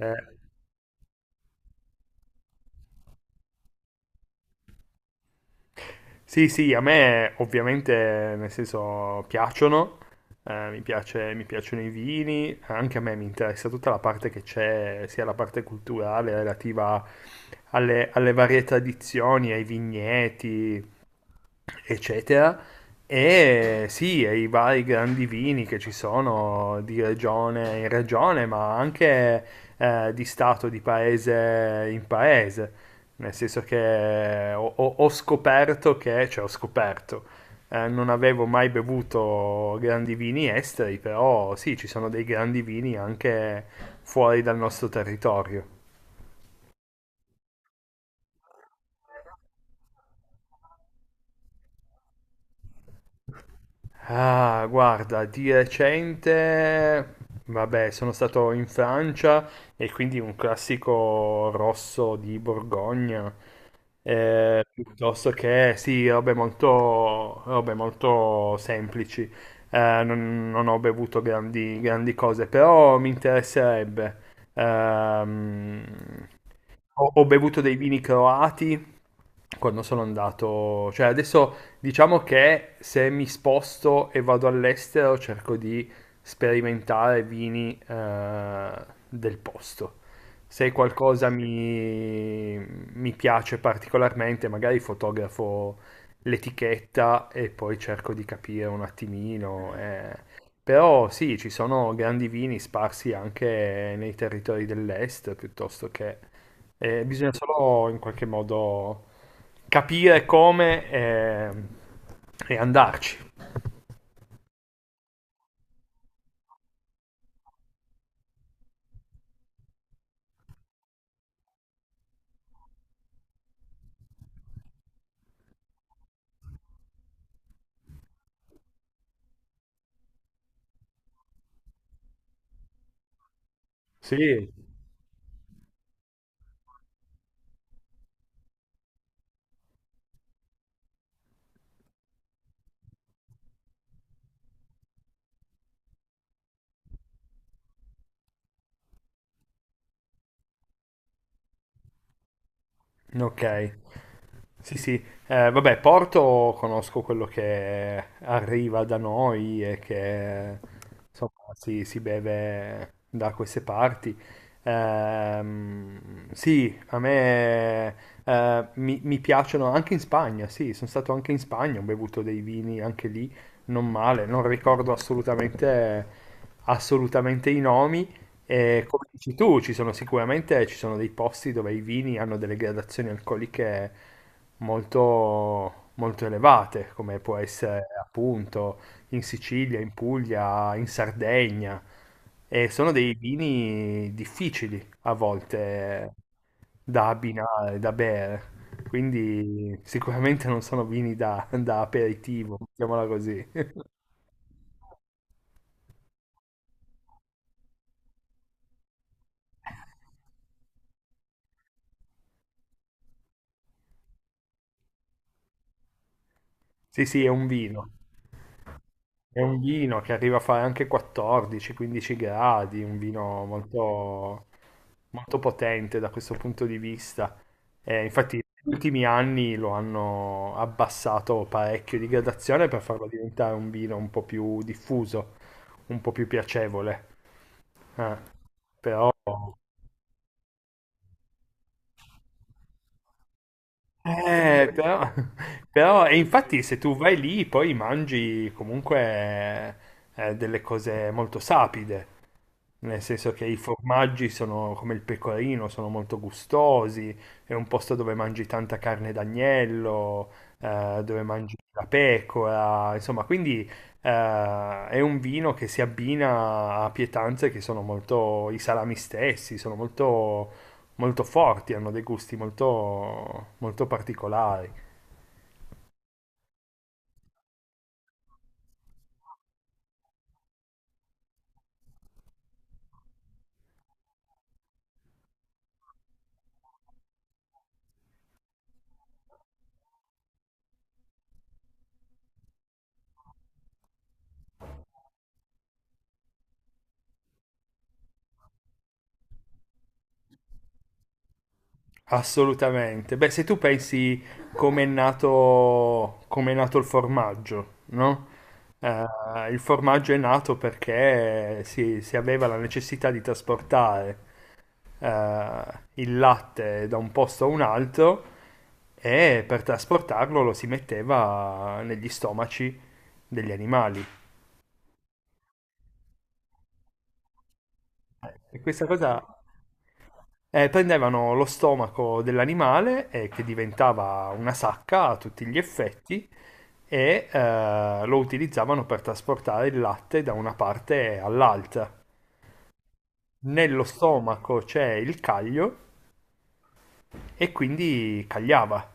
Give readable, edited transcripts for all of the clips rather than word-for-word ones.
Eh, sì, sì, a me ovviamente nel senso piacciono, mi piacciono i vini, anche a me mi interessa tutta la parte che c'è, sia la parte culturale relativa alle varie tradizioni, ai vigneti, eccetera. E sì, e i vari grandi vini che ci sono di regione in regione, ma anche di stato, di paese in paese. Nel senso che ho scoperto che, cioè ho scoperto, non avevo mai bevuto grandi vini esteri, però sì, ci sono dei grandi vini anche fuori dal nostro territorio. Ah, guarda, di recente, vabbè, sono stato in Francia e quindi un classico rosso di Borgogna, piuttosto che, sì, robe molto semplici. Non ho bevuto grandi cose, però mi interesserebbe. Ehm, ho bevuto dei vini croati quando sono andato, cioè adesso diciamo che se mi sposto e vado all'estero cerco di sperimentare vini del posto. Se mi piace particolarmente, magari fotografo l'etichetta e poi cerco di capire un attimino. Però sì, ci sono grandi vini sparsi anche nei territori dell'est, piuttosto che... bisogna solo in qualche modo capire come e andarci. Sì. Ok. Sì, sì. Vabbè, Porto conosco quello che arriva da noi e che insomma, si beve da queste parti. Sì, a me mi piacciono anche in Spagna, sì, sono stato anche in Spagna, ho bevuto dei vini anche lì, non male, non ricordo assolutamente, assolutamente i nomi. E come dici tu, ci sono dei posti dove i vini hanno delle gradazioni alcoliche molto elevate, come può essere appunto in Sicilia, in Puglia, in Sardegna, e sono dei vini difficili a volte da abbinare, da bere, quindi sicuramente non sono vini da aperitivo, mettiamola così. Sì, sì, è un vino. È un vino che arriva a fare anche 14-15 gradi, un vino molto, molto potente da questo punto di vista. Infatti, negli ultimi anni lo hanno abbassato parecchio di gradazione per farlo diventare un vino un po' più diffuso, un po' più piacevole. eh. Però Eh, però, e infatti se tu vai lì poi mangi comunque delle cose molto sapide, nel senso che i formaggi sono come il pecorino, sono molto gustosi, è un posto dove mangi tanta carne d'agnello, dove mangi la pecora, insomma, quindi è un vino che si abbina a pietanze che sono molto, i salami stessi, sono molto forti, hanno dei gusti molto, molto particolari. Assolutamente. Beh, se tu pensi come è nato il formaggio, no? Il formaggio è nato perché si aveva la necessità di trasportare il latte da un posto a un altro e per trasportarlo lo si metteva negli stomaci degli animali. E questa cosa prendevano lo stomaco dell'animale, che diventava una sacca a tutti gli effetti, e lo utilizzavano per trasportare il latte da una parte all'altra. Nello stomaco c'è il caglio e quindi cagliava.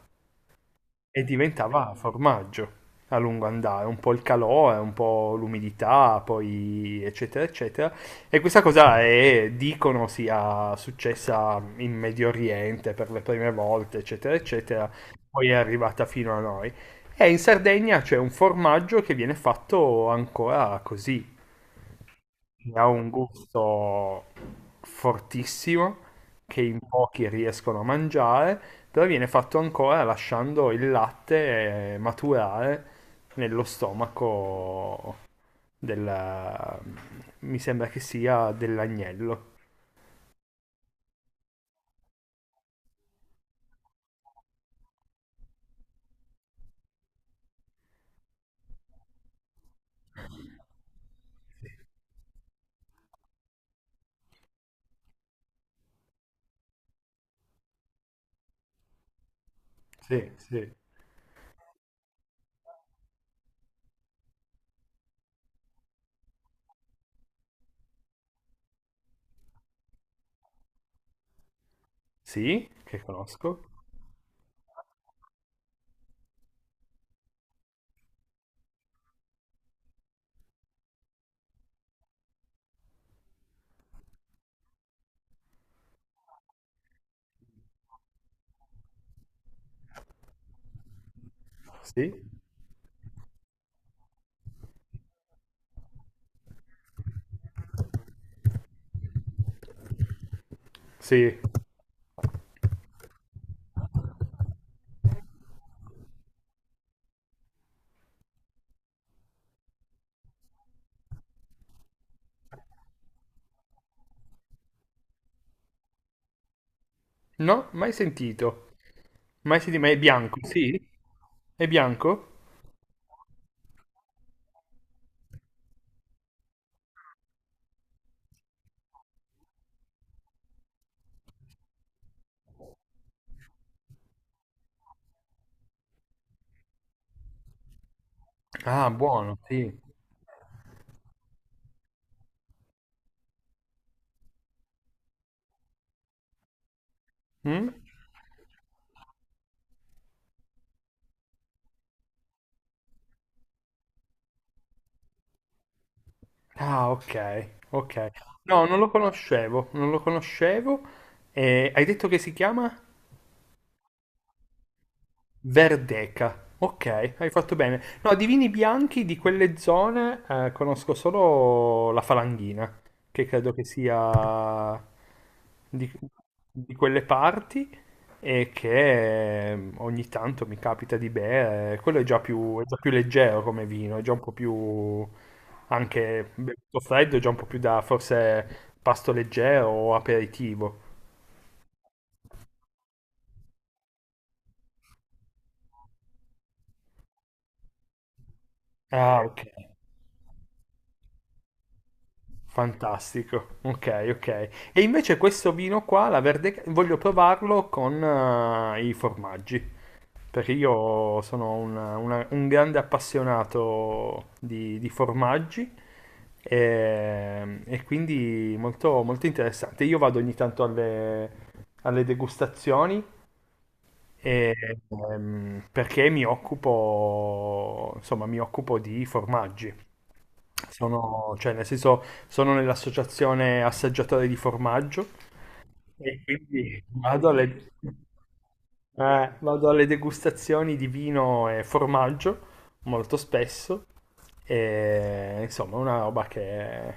E diventava formaggio a lungo andare, un po' il calore, un po' l'umidità, poi eccetera eccetera. E questa cosa è, dicono sia successa in Medio Oriente per le prime volte, eccetera eccetera, poi è arrivata fino a noi. E in Sardegna c'è un formaggio che viene fatto ancora così, ne ha un gusto fortissimo che in pochi riescono a mangiare, però viene fatto ancora lasciando il latte maturare nello stomaco del... mi sembra che sia dell'agnello. Sì, sì. Sì, che conosco. Sì, sì. No, mai sentito. Mai sentito, ma è bianco, sì? È bianco? Ah, buono, sì. Mm? Ah, ok, ok. No, non lo conoscevo, non lo conoscevo. Hai detto che si chiama? Verdeca. Ok, hai fatto bene. No, di vini bianchi di quelle zone conosco solo la Falanghina, che credo che sia di, di quelle parti e che ogni tanto mi capita di bere. Quello è già più leggero come vino, è già un po' più anche bevuto freddo, è già un po' più da forse pasto leggero o aperitivo. Ah, ok. Fantastico, ok, ok. E invece questo vino qua, la verde, voglio provarlo con i formaggi, perché io sono un grande appassionato di formaggi e quindi molto, molto interessante. Io vado ogni tanto alle degustazioni e, perché mi occupo, insomma, mi occupo di formaggi. Sono, cioè, nel senso, sono nell'associazione assaggiatori di formaggio e quindi vado vado alle degustazioni di vino e formaggio molto spesso. E, insomma, una roba che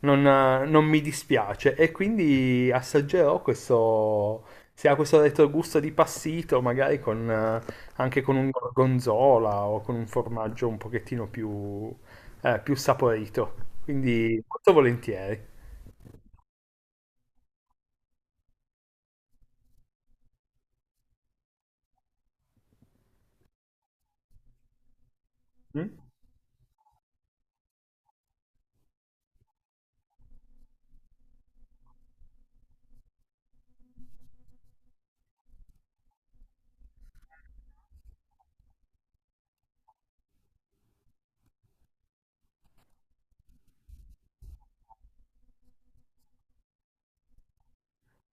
non mi dispiace. E quindi assaggerò questo. Se ha questo retrogusto di passito, magari con, anche con un gorgonzola o con un formaggio un pochettino più, più saporito. Quindi molto volentieri. Mm?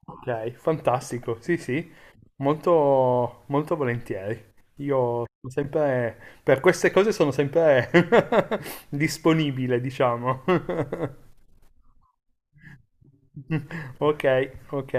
Ok, fantastico, sì, sì, molto, molto volentieri. Io sono sempre, per queste cose sono sempre disponibile, diciamo. Ok, ok.